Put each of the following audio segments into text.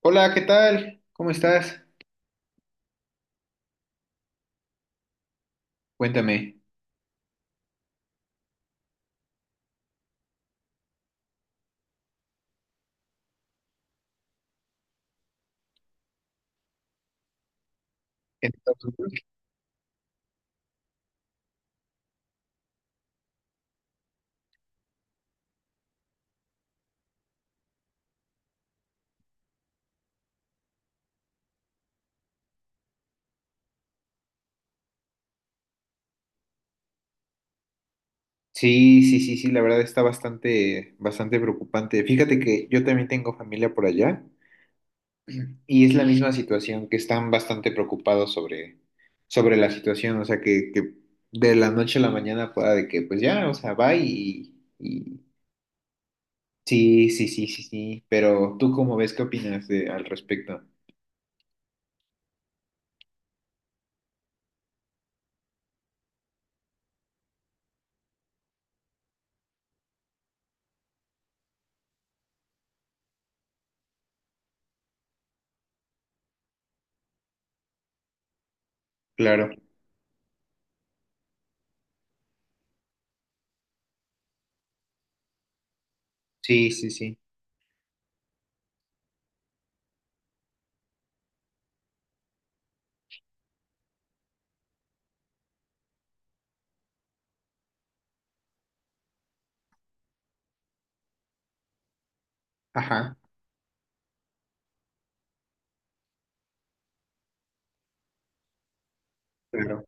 Hola, ¿qué tal? ¿Cómo estás? Cuéntame. ¿En bien? Sí, sí, sí, sí, la verdad está bastante preocupante. Fíjate que yo también tengo familia por allá y es la misma situación, que están bastante preocupados sobre la situación, o sea, que de la noche a la mañana pueda de que, pues ya, o sea, va. Sí, sí, sí, sí, sí, pero ¿tú cómo ves? ¿Al respecto? Claro. Sí, sí, sí. Ajá, claro.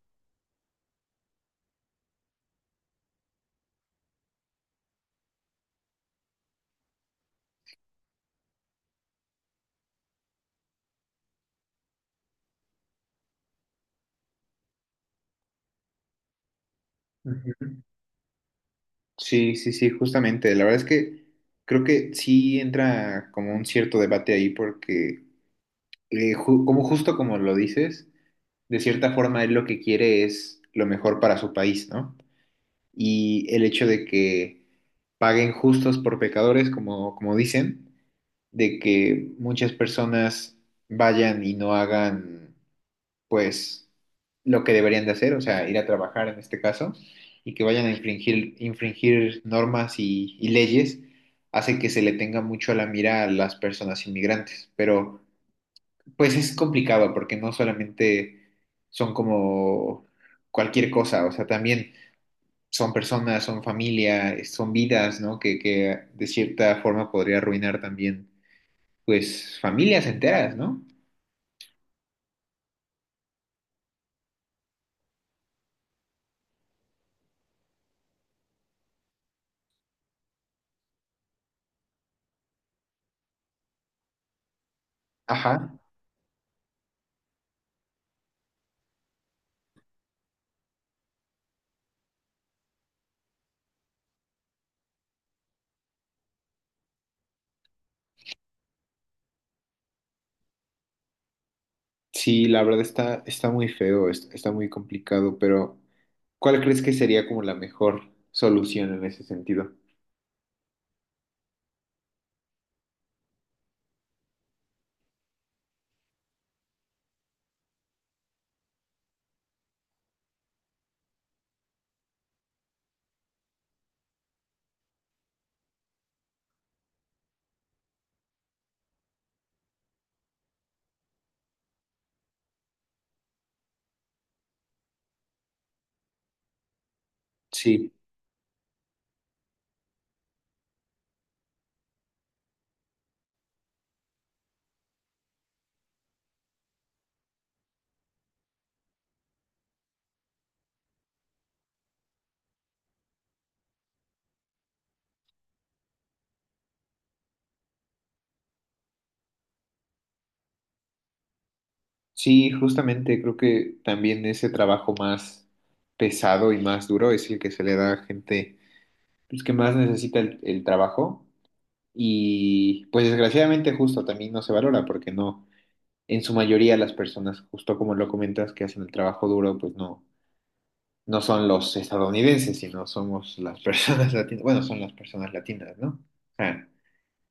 Ujú. Sí, sí, sí, justamente. La verdad es que creo que sí entra como un cierto debate ahí porque, como justo como lo dices, de cierta forma él lo que quiere es lo mejor para su país, ¿no? Y el hecho de que paguen justos por pecadores, como dicen, de que muchas personas vayan y no hagan pues lo que deberían de hacer, o sea, ir a trabajar en este caso, y que vayan a infringir normas y leyes, hace que se le tenga mucho a la mira a las personas inmigrantes. Pero pues es complicado porque no solamente son como cualquier cosa, o sea, también son personas, son familia, son vidas, ¿no? Que de cierta forma podría arruinar también, pues, familias enteras, ¿no? Ajá. Sí, la verdad está muy feo, está muy complicado, pero ¿cuál crees que sería como la mejor solución en ese sentido? Sí, sí, justamente creo que también ese trabajo más pesado y más duro es el que se le da a gente pues, que más necesita el trabajo y pues desgraciadamente justo también no se valora porque no, en su mayoría las personas, justo como lo comentas, que hacen el trabajo duro, pues no, no son los estadounidenses, sino somos las personas latinas, bueno, son las personas latinas, ¿no? Ah,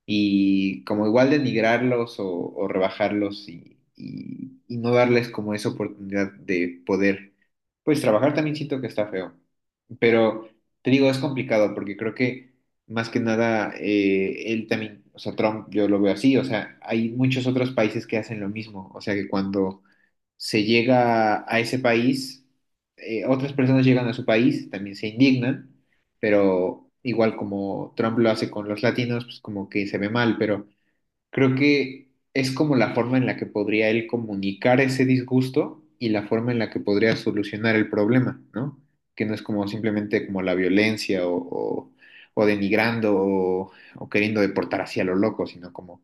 y como igual denigrarlos o rebajarlos y no darles como esa oportunidad de poder, pues trabajar también siento que está feo, pero te digo, es complicado porque creo que más que nada él también, o sea, Trump, yo lo veo así, o sea, hay muchos otros países que hacen lo mismo, o sea, que cuando se llega a ese país, otras personas llegan a su país, también se indignan, pero igual como Trump lo hace con los latinos, pues como que se ve mal, pero creo que es como la forma en la que podría él comunicar ese disgusto y la forma en la que podría solucionar el problema, ¿no? Que no es como simplemente como la violencia o denigrando o queriendo deportar hacia lo loco, sino como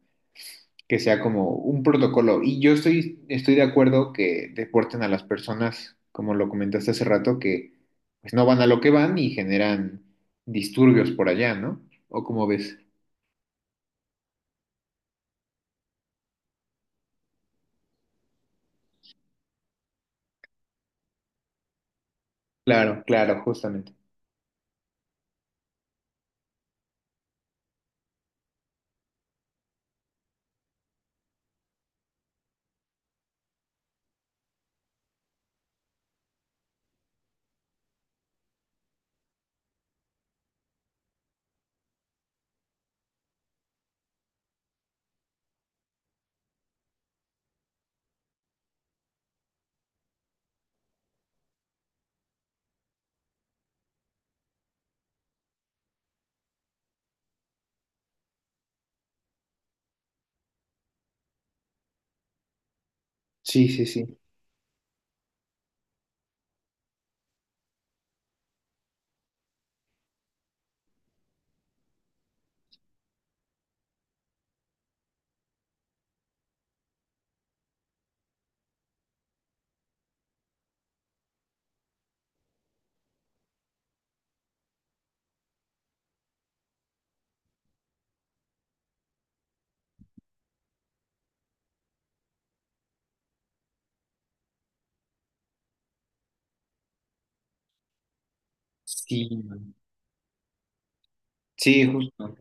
que sea como un protocolo. Y yo estoy de acuerdo que deporten a las personas, como lo comentaste hace rato, que pues no van a lo que van y generan disturbios por allá, ¿no? ¿O como ves? Claro, claro, justamente. Sí, sí, sí. Sí, sí, justo.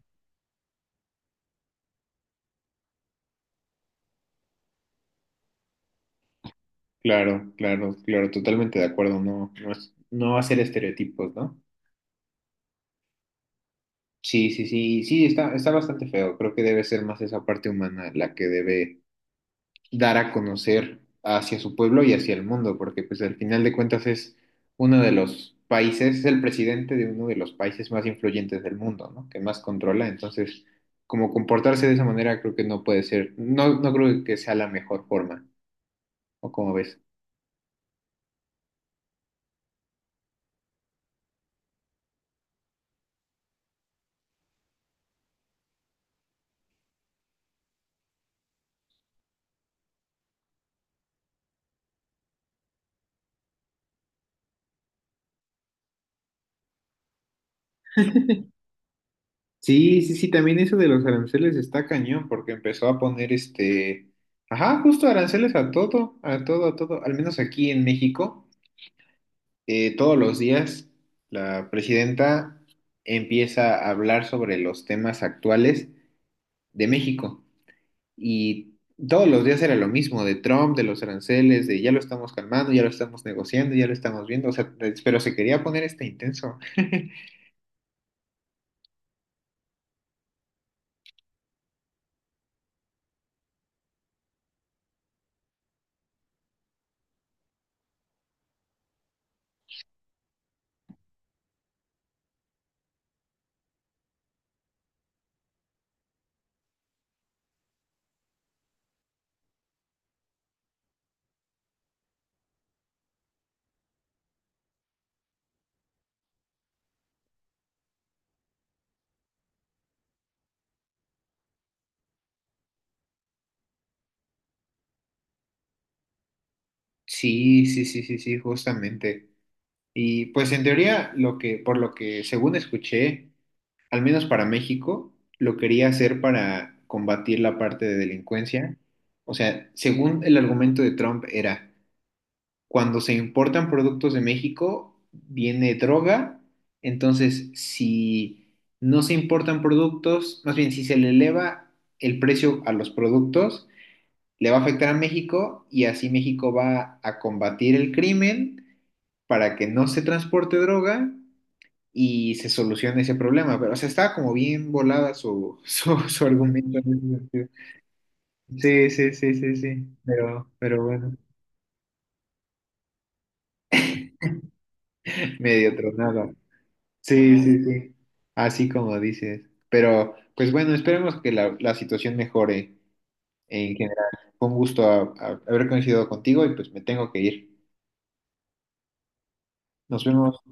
Claro, claro, claro, totalmente de acuerdo. No hacer estereotipos, ¿no? Sí, sí, sí, sí, está bastante feo. Creo que debe ser más esa parte humana la que debe dar a conocer hacia su pueblo y hacia el mundo, porque pues al final de cuentas es uno de los países, es el presidente de uno de los países más influyentes del mundo, ¿no? Que más controla, entonces como comportarse de esa manera creo que no puede ser, no, no creo que sea la mejor forma, ¿o cómo ves? Sí, sí, sí, también eso de los aranceles está cañón, porque empezó a poner ajá, justo aranceles a todo, a todo, a todo, al menos aquí en México. Todos los días la presidenta empieza a hablar sobre los temas actuales de México y todos los días era lo mismo, de Trump, de los aranceles, de ya lo estamos calmando, ya lo estamos negociando, ya lo estamos viendo, o sea, pero se quería poner este intenso. Sí, sí, sí, sí, sí, justamente. Y pues en teoría, lo que, por lo que según escuché, al menos para México, lo quería hacer para combatir la parte de delincuencia. O sea, según el argumento de Trump era, cuando se importan productos de México, viene droga, entonces si no se importan productos, más bien si se le eleva el precio a los productos, le va a afectar a México y así México va a combatir el crimen para que no se transporte droga y se soluciona ese problema. Pero, o sea, estaba como bien volada su argumento en ese sentido. Sí, sí, sí, sí, sí. Pero bueno, medio tronada. Sí, sí, sí. Así como dices. Pero, pues bueno, esperemos que la situación mejore en general. Con gusto haber coincidido contigo y pues me tengo que ir. Nos vemos.